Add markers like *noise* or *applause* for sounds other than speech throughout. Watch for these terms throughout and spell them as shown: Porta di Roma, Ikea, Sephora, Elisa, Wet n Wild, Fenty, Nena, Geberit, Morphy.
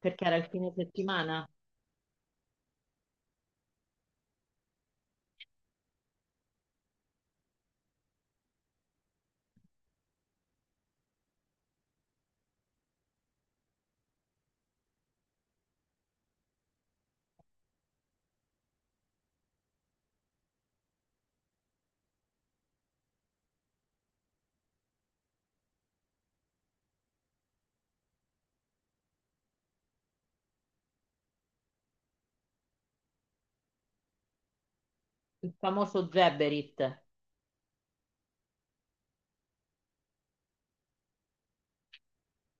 Perché era il fine settimana, il famoso Geberit.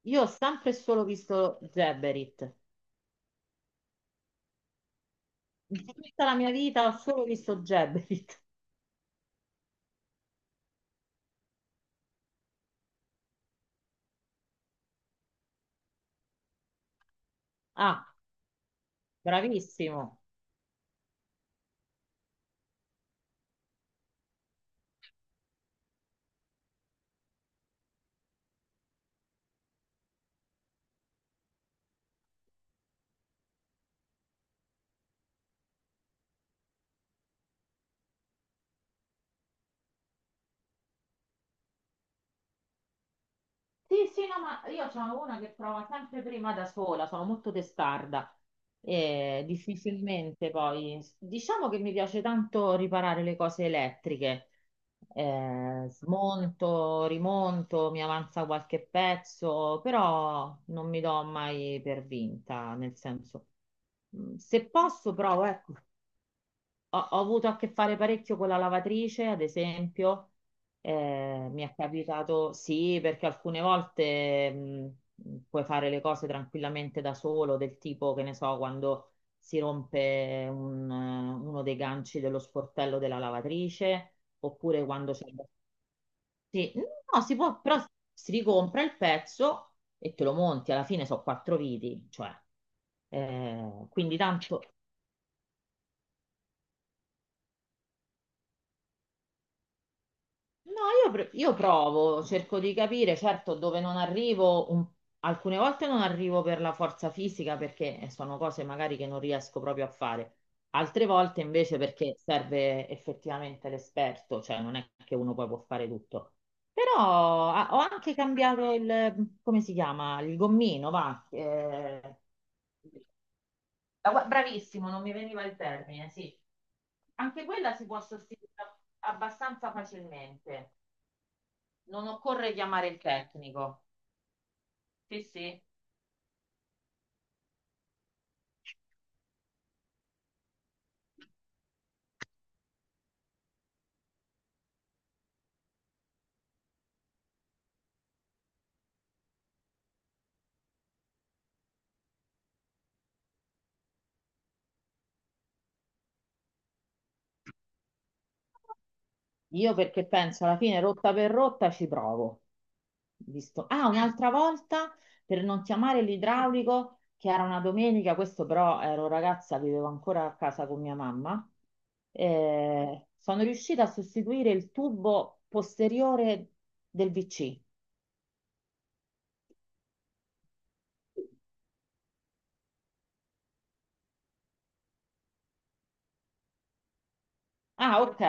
Io ho sempre e solo visto Geberit. In tutta la mia vita ho solo visto Geberit. Ah, bravissimo. Sì, sì, no, ma io sono una che prova sempre prima da sola, sono molto testarda e difficilmente poi... Diciamo che mi piace tanto riparare le cose elettriche. Smonto, rimonto, mi avanza qualche pezzo, però non mi do mai per vinta, nel senso, mm, se posso provo, ecco. Ho avuto a che fare parecchio con la lavatrice, ad esempio. Mi è capitato, sì, perché alcune volte puoi fare le cose tranquillamente da solo, del tipo, che ne so, quando si rompe uno dei ganci dello sportello della lavatrice, oppure quando c'è... Sì, no, si può, però si ricompra il pezzo e te lo monti, alla fine sono quattro viti, cioè... quindi tanto. No, io provo, cerco di capire, certo, dove non arrivo, un- alcune volte non arrivo per la forza fisica perché sono cose magari che non riesco proprio a fare, altre volte invece perché serve effettivamente l'esperto, cioè non è che uno poi può fare tutto. Però ah, ho anche cambiato il, come si chiama, il gommino, va. La gua- bravissimo, non mi veniva il termine, sì. Anche quella si può sostituire abbastanza facilmente. Non occorre chiamare il tecnico. Sì, sì. Io perché penso alla fine rotta per rotta ci provo. Visto. Ah, un'altra volta per non chiamare l'idraulico, che era una domenica, questo però ero ragazza, vivevo ancora a casa con mia mamma. Sono riuscita a sostituire il tubo posteriore del VC. Ah, ok.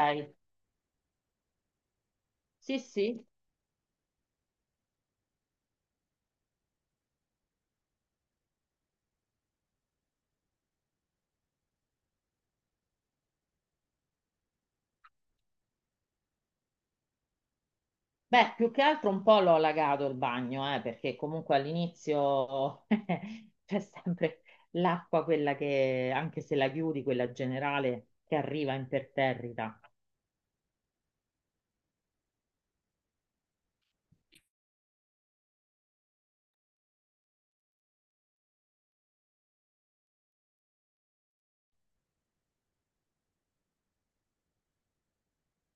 Sì, sì. Beh, più che altro un po' l'ho allagato il bagno, perché comunque all'inizio *laughs* c'è sempre l'acqua, quella che, anche se la chiudi, quella generale, che arriva imperterrita.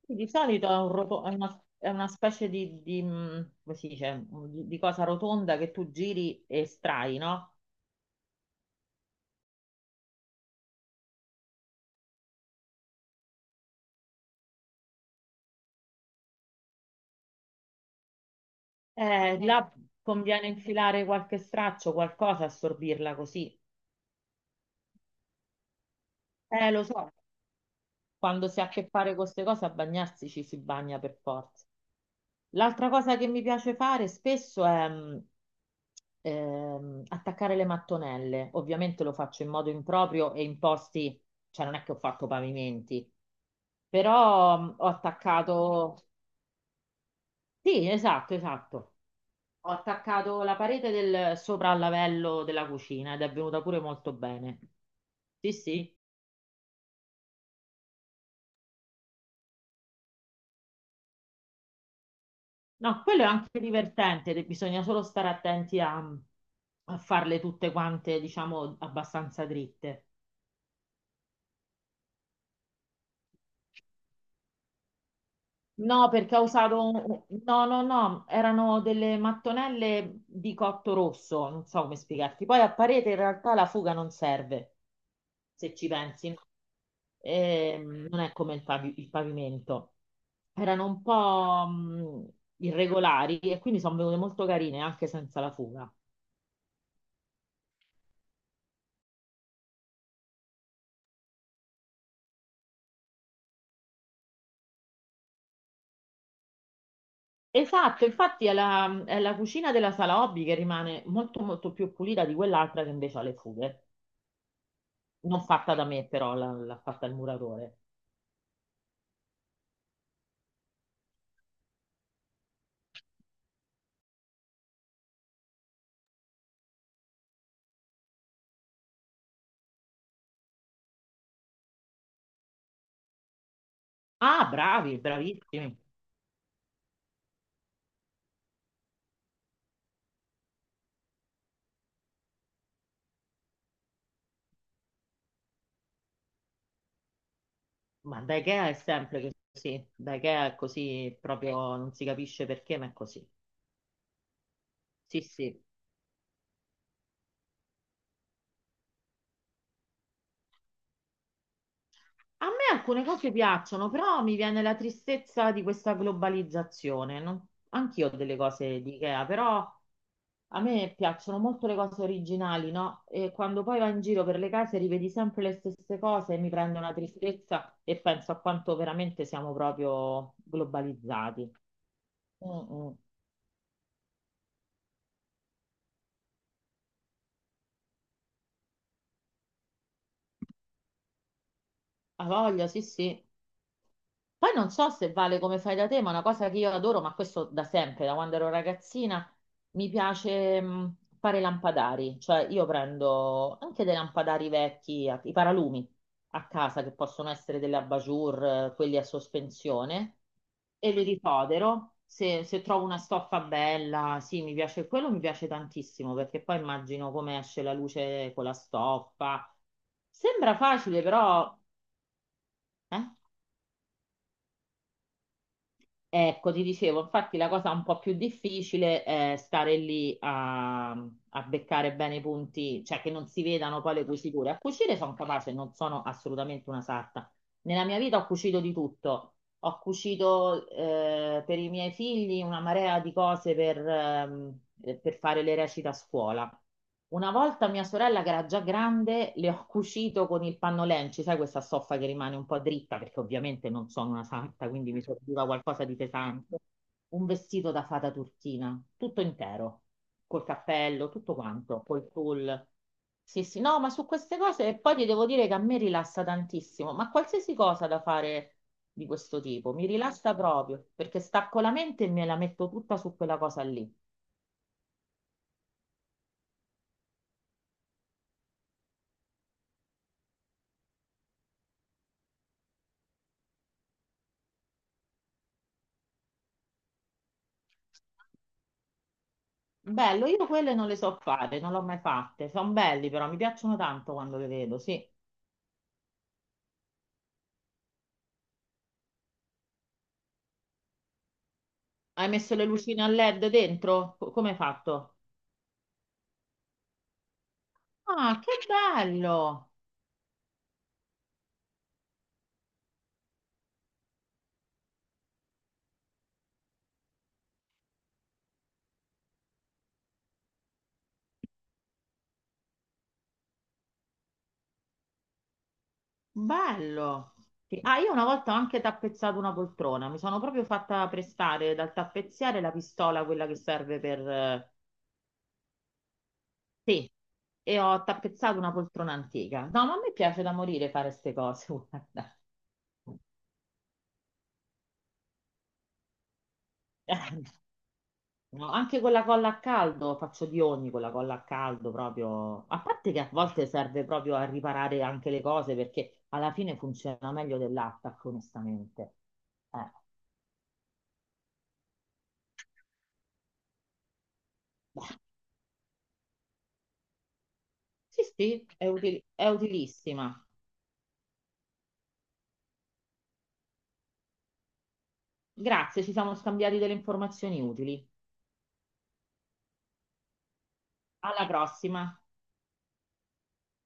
Sì, di solito è, un roto- è una specie di, come si dice, mm, di cosa rotonda che tu giri e estrai, no? Sì. Là conviene infilare qualche straccio, qualcosa, assorbirla così. Lo so, quando si ha a che fare con queste cose, a bagnarsi ci si bagna per forza. L'altra cosa che mi piace fare spesso è attaccare le mattonelle. Ovviamente lo faccio in modo improprio e in posti, cioè non è che ho fatto pavimenti, però ho attaccato, sì, esatto, esatto. Ho attaccato la parete del sopra al lavello della cucina ed è venuta pure molto bene. Sì, sì. No, quello è anche divertente, de- bisogna solo stare attenti a, a farle tutte quante, diciamo, abbastanza dritte. No, perché ho usato... un- No, no, no, erano delle mattonelle di cotto rosso, non so come spiegarti. Poi a parete in realtà la fuga non serve, se ci pensi. Non è come il, pavi- il pavimento. Erano un po' irregolari e quindi sono venute molto carine anche senza la fuga. Esatto, infatti è la cucina della sala hobby che rimane molto molto più pulita di quell'altra che invece ha le fughe. Non fatta da me, però la- l'ha fatta il muratore. Ah, bravi, bravissimi. Ma da Ikea è sempre così. Da Ikea è così, proprio non si capisce perché, ma è così. Sì, sì. A me alcune cose piacciono, però mi viene la tristezza di questa globalizzazione. Non- Anch'io ho delle cose di Ikea, però a me piacciono molto le cose originali, no? E quando poi vai in giro per le case rivedi sempre le stesse cose e mi prende una tristezza e penso a quanto veramente siamo proprio globalizzati. Mm, mm. Ha voglia, sì, sì. Poi non so se vale come fai da te, ma una cosa che io adoro, ma questo da sempre, da quando ero ragazzina, mi piace fare lampadari. Cioè io prendo anche dei lampadari vecchi, a- i paralumi a casa, che possono essere delle abajur, quelli a sospensione, e li ripodero. Se, se trovo una stoffa bella, sì, mi piace quello, mi piace tantissimo, perché poi immagino come esce la luce con la stoffa. Sembra facile, però eh? Ecco, ti dicevo, infatti la cosa un po' più difficile è stare lì a, a beccare bene i punti, cioè che non si vedano poi le cuciture. A cucire sono capace, non sono assolutamente una sarta. Nella mia vita ho cucito di tutto, ho cucito per i miei figli una marea di cose per fare le recite a scuola. Una volta mia sorella, che era già grande, le ho cucito con il panno lenci, sai questa stoffa che rimane un po' dritta, perché ovviamente non sono una santa, quindi mi serviva qualcosa di pesante. Un vestito da fata turchina, tutto intero, col cappello, tutto quanto, col tul. Sì, sì, no, ma su queste cose e poi ti devo dire che a me rilassa tantissimo, ma qualsiasi cosa da fare di questo tipo mi rilassa proprio perché stacco la mente e me la metto tutta su quella cosa lì. Bello, io quelle non le so fare, non le ho mai fatte. Sono belli però, mi piacciono tanto quando le vedo, sì. Hai messo le lucine a LED dentro? Co- Come hai fatto? Ah, che bello! Bello. Sì. Ah, io una volta ho anche tappezzato una poltrona, mi sono proprio fatta prestare dal tappezziere la pistola, quella che serve per... sì, e ho tappezzato una poltrona antica. No, ma a me piace da morire fare queste cose, *laughs* guarda. Eh, No, anche con la colla a caldo faccio di ogni con la colla a caldo proprio. A parte che a volte serve proprio a riparare anche le cose perché alla fine funziona meglio dell'attacco, onestamente. Eh, beh, sì, sì, è utili- è utilissima. Grazie, ci siamo scambiati delle informazioni utili. Alla prossima.